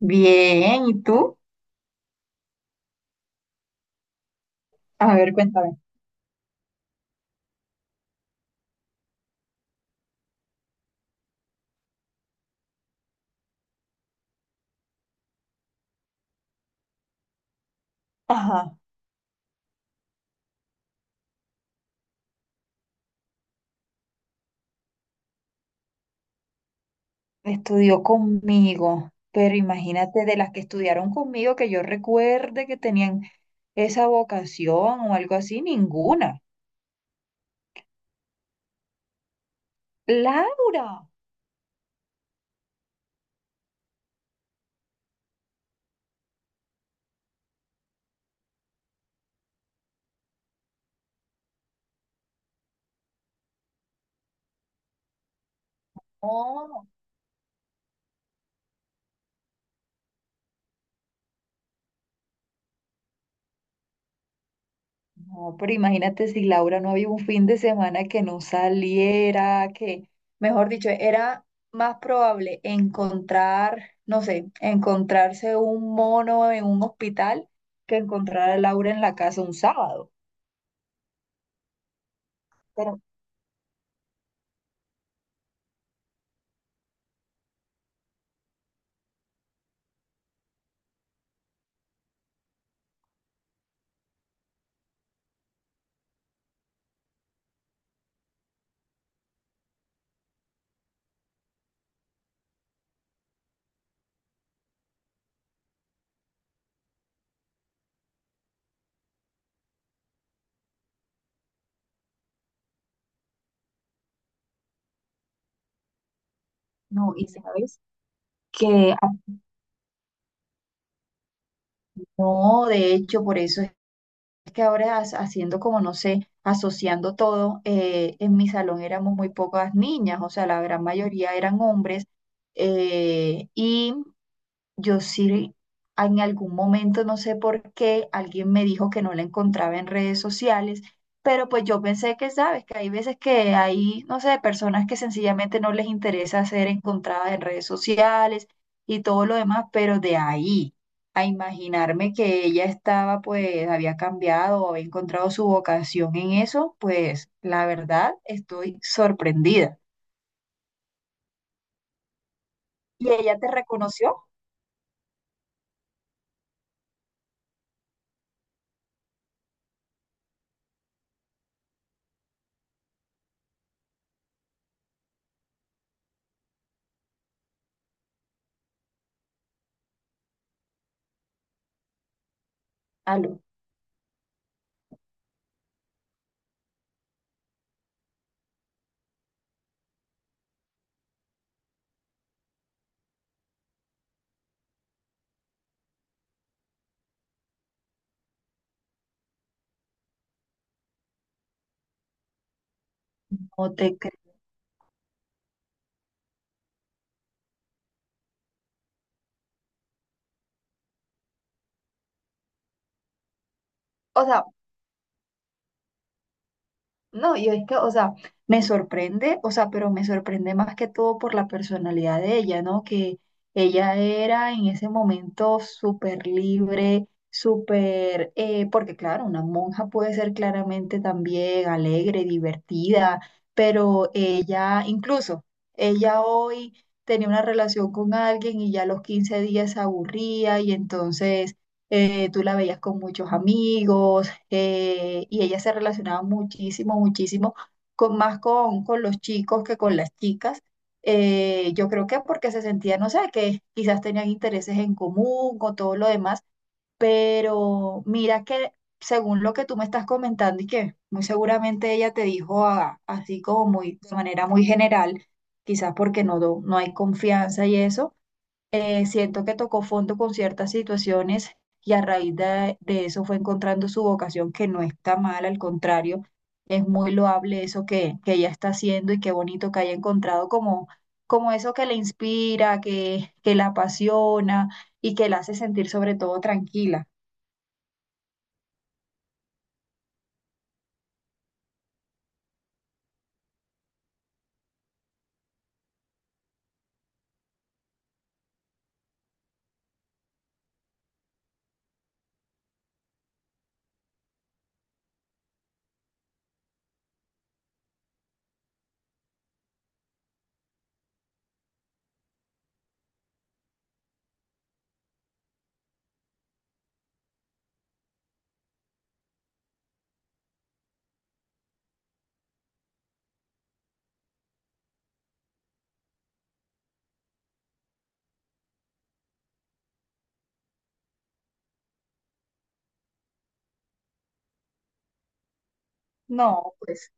Bien, ¿y tú? A ver, cuéntame. Ajá, estudió conmigo, pero imagínate, de las que estudiaron conmigo que yo recuerde que tenían esa vocación o algo así, ninguna. Laura, oh. No, pero imagínate, si Laura no había un fin de semana que no saliera, que, mejor dicho, era más probable encontrar, no sé, encontrarse un mono en un hospital que encontrar a Laura en la casa un sábado. Pero No, y sabes que no, de hecho, por eso es que ahora haciendo como, no sé, asociando todo, en mi salón éramos muy pocas niñas, o sea, la gran mayoría eran hombres. eh, y Yo sí, en algún momento, no sé por qué, alguien me dijo que no la encontraba en redes sociales, pero pues yo pensé que, sabes, que hay veces que hay, no sé, personas que sencillamente no les interesa ser encontradas en redes sociales y todo lo demás, pero de ahí a imaginarme que ella estaba, pues, había cambiado o había encontrado su vocación en eso, pues, la verdad, estoy sorprendida. ¿Y ella te reconoció? Aló, no te creo. O sea, no, y es que, o sea, me sorprende, o sea, pero me sorprende más que todo por la personalidad de ella, ¿no? Que ella era en ese momento súper libre, súper, porque claro, una monja puede ser claramente también alegre, divertida, pero ella, incluso, ella hoy tenía una relación con alguien y ya a los 15 días se aburría, y entonces tú la veías con muchos amigos, y ella se relacionaba muchísimo, muchísimo con, más con, los chicos que con las chicas. Yo creo que porque se sentía, no sé, que quizás tenían intereses en común o todo lo demás, pero mira que según lo que tú me estás comentando, y que muy seguramente ella te dijo así como muy, de manera muy general, quizás porque no, no hay confianza y eso, siento que tocó fondo con ciertas situaciones, y a raíz de, eso fue encontrando su vocación, que no está mal, al contrario, es muy loable eso que ella está haciendo. Y qué bonito que haya encontrado como eso que le inspira, que la apasiona y que la hace sentir sobre todo tranquila. No, pues,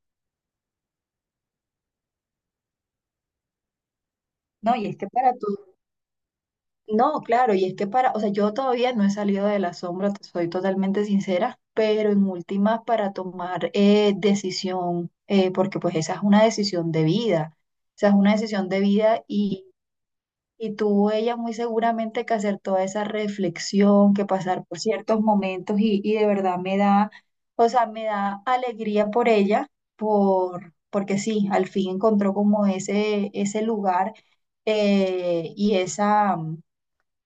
no, y es que para tú... No, claro, y es que para, o sea, yo todavía no he salido del asombro, te soy totalmente sincera, pero en últimas, para tomar decisión, porque pues esa es una decisión de vida, esa es una decisión de vida, y tuvo ella muy seguramente que hacer toda esa reflexión, que pasar por ciertos momentos, y de verdad me da, o sea, me da alegría por ella, porque sí, al fin encontró como ese, lugar, y esa,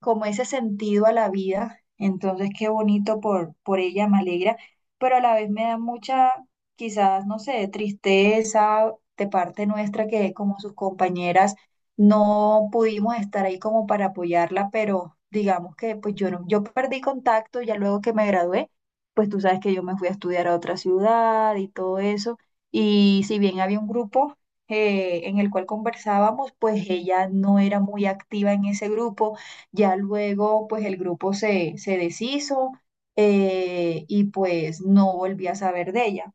como ese sentido a la vida. Entonces, qué bonito por ella, me alegra, pero a la vez me da mucha, quizás, no sé, tristeza de parte nuestra, que como sus compañeras no pudimos estar ahí como para apoyarla. Pero digamos que pues yo no, yo perdí contacto ya luego que me gradué. Pues tú sabes que yo me fui a estudiar a otra ciudad y todo eso, y si bien había un grupo en el cual conversábamos, pues ella no era muy activa en ese grupo. Ya luego, pues el grupo se deshizo, y pues no volví a saber de ella.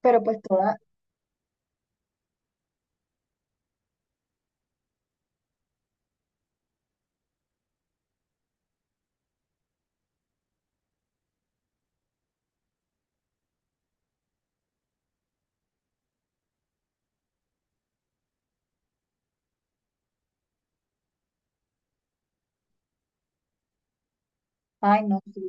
Pero pues toda... Ay, no. Sí,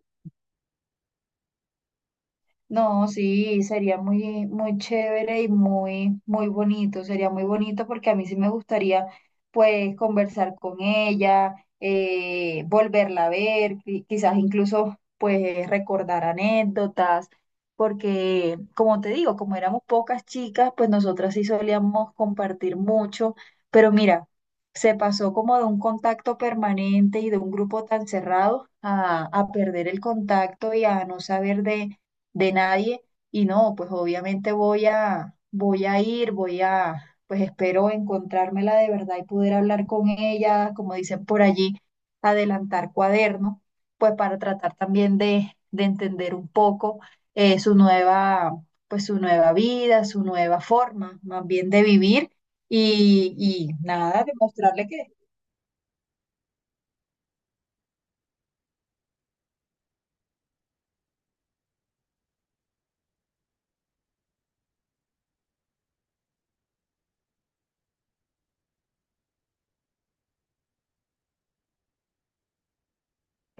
no, sí, sería muy, muy chévere y muy, muy bonito. Sería muy bonito porque a mí sí me gustaría, pues, conversar con ella, volverla a ver, quizás incluso, pues, recordar anécdotas, porque, como te digo, como éramos pocas chicas, pues nosotras sí solíamos compartir mucho, pero mira, se pasó como de un contacto permanente y de un grupo tan cerrado a, perder el contacto y a no saber de nadie. Y no, pues obviamente voy a, voy a ir, pues espero encontrármela de verdad y poder hablar con ella, como dicen por allí, adelantar cuaderno, pues para tratar también de entender un poco su nueva, pues su nueva vida, su nueva forma, más bien de vivir, y nada, demostrarle que...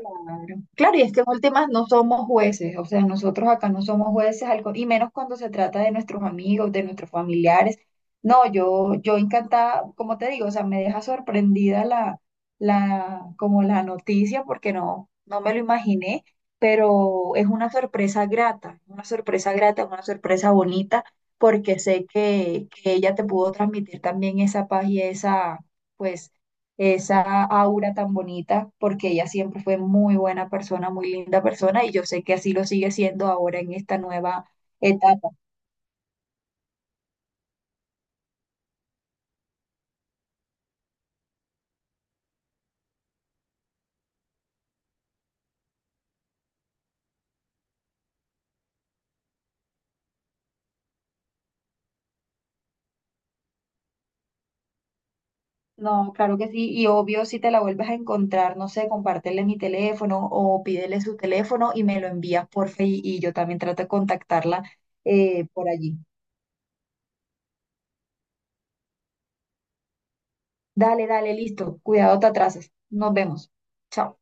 Claro. Claro, y es que en últimas no somos jueces, o sea, nosotros acá no somos jueces, y menos cuando se trata de nuestros amigos, de nuestros familiares. No, yo encantada, como te digo, o sea, me deja sorprendida como la noticia, porque no, no me lo imaginé, pero es una sorpresa grata, una sorpresa grata, una sorpresa bonita, porque sé que ella te pudo transmitir también esa paz y esa, pues esa aura tan bonita, porque ella siempre fue muy buena persona, muy linda persona, y yo sé que así lo sigue siendo ahora en esta nueva etapa. No, claro que sí, y obvio, si te la vuelves a encontrar, no sé, compártele mi teléfono o pídele su teléfono y me lo envías por Face y yo también trato de contactarla, por allí. Dale, dale, listo, cuidado, te atrasas. Nos vemos. Chao.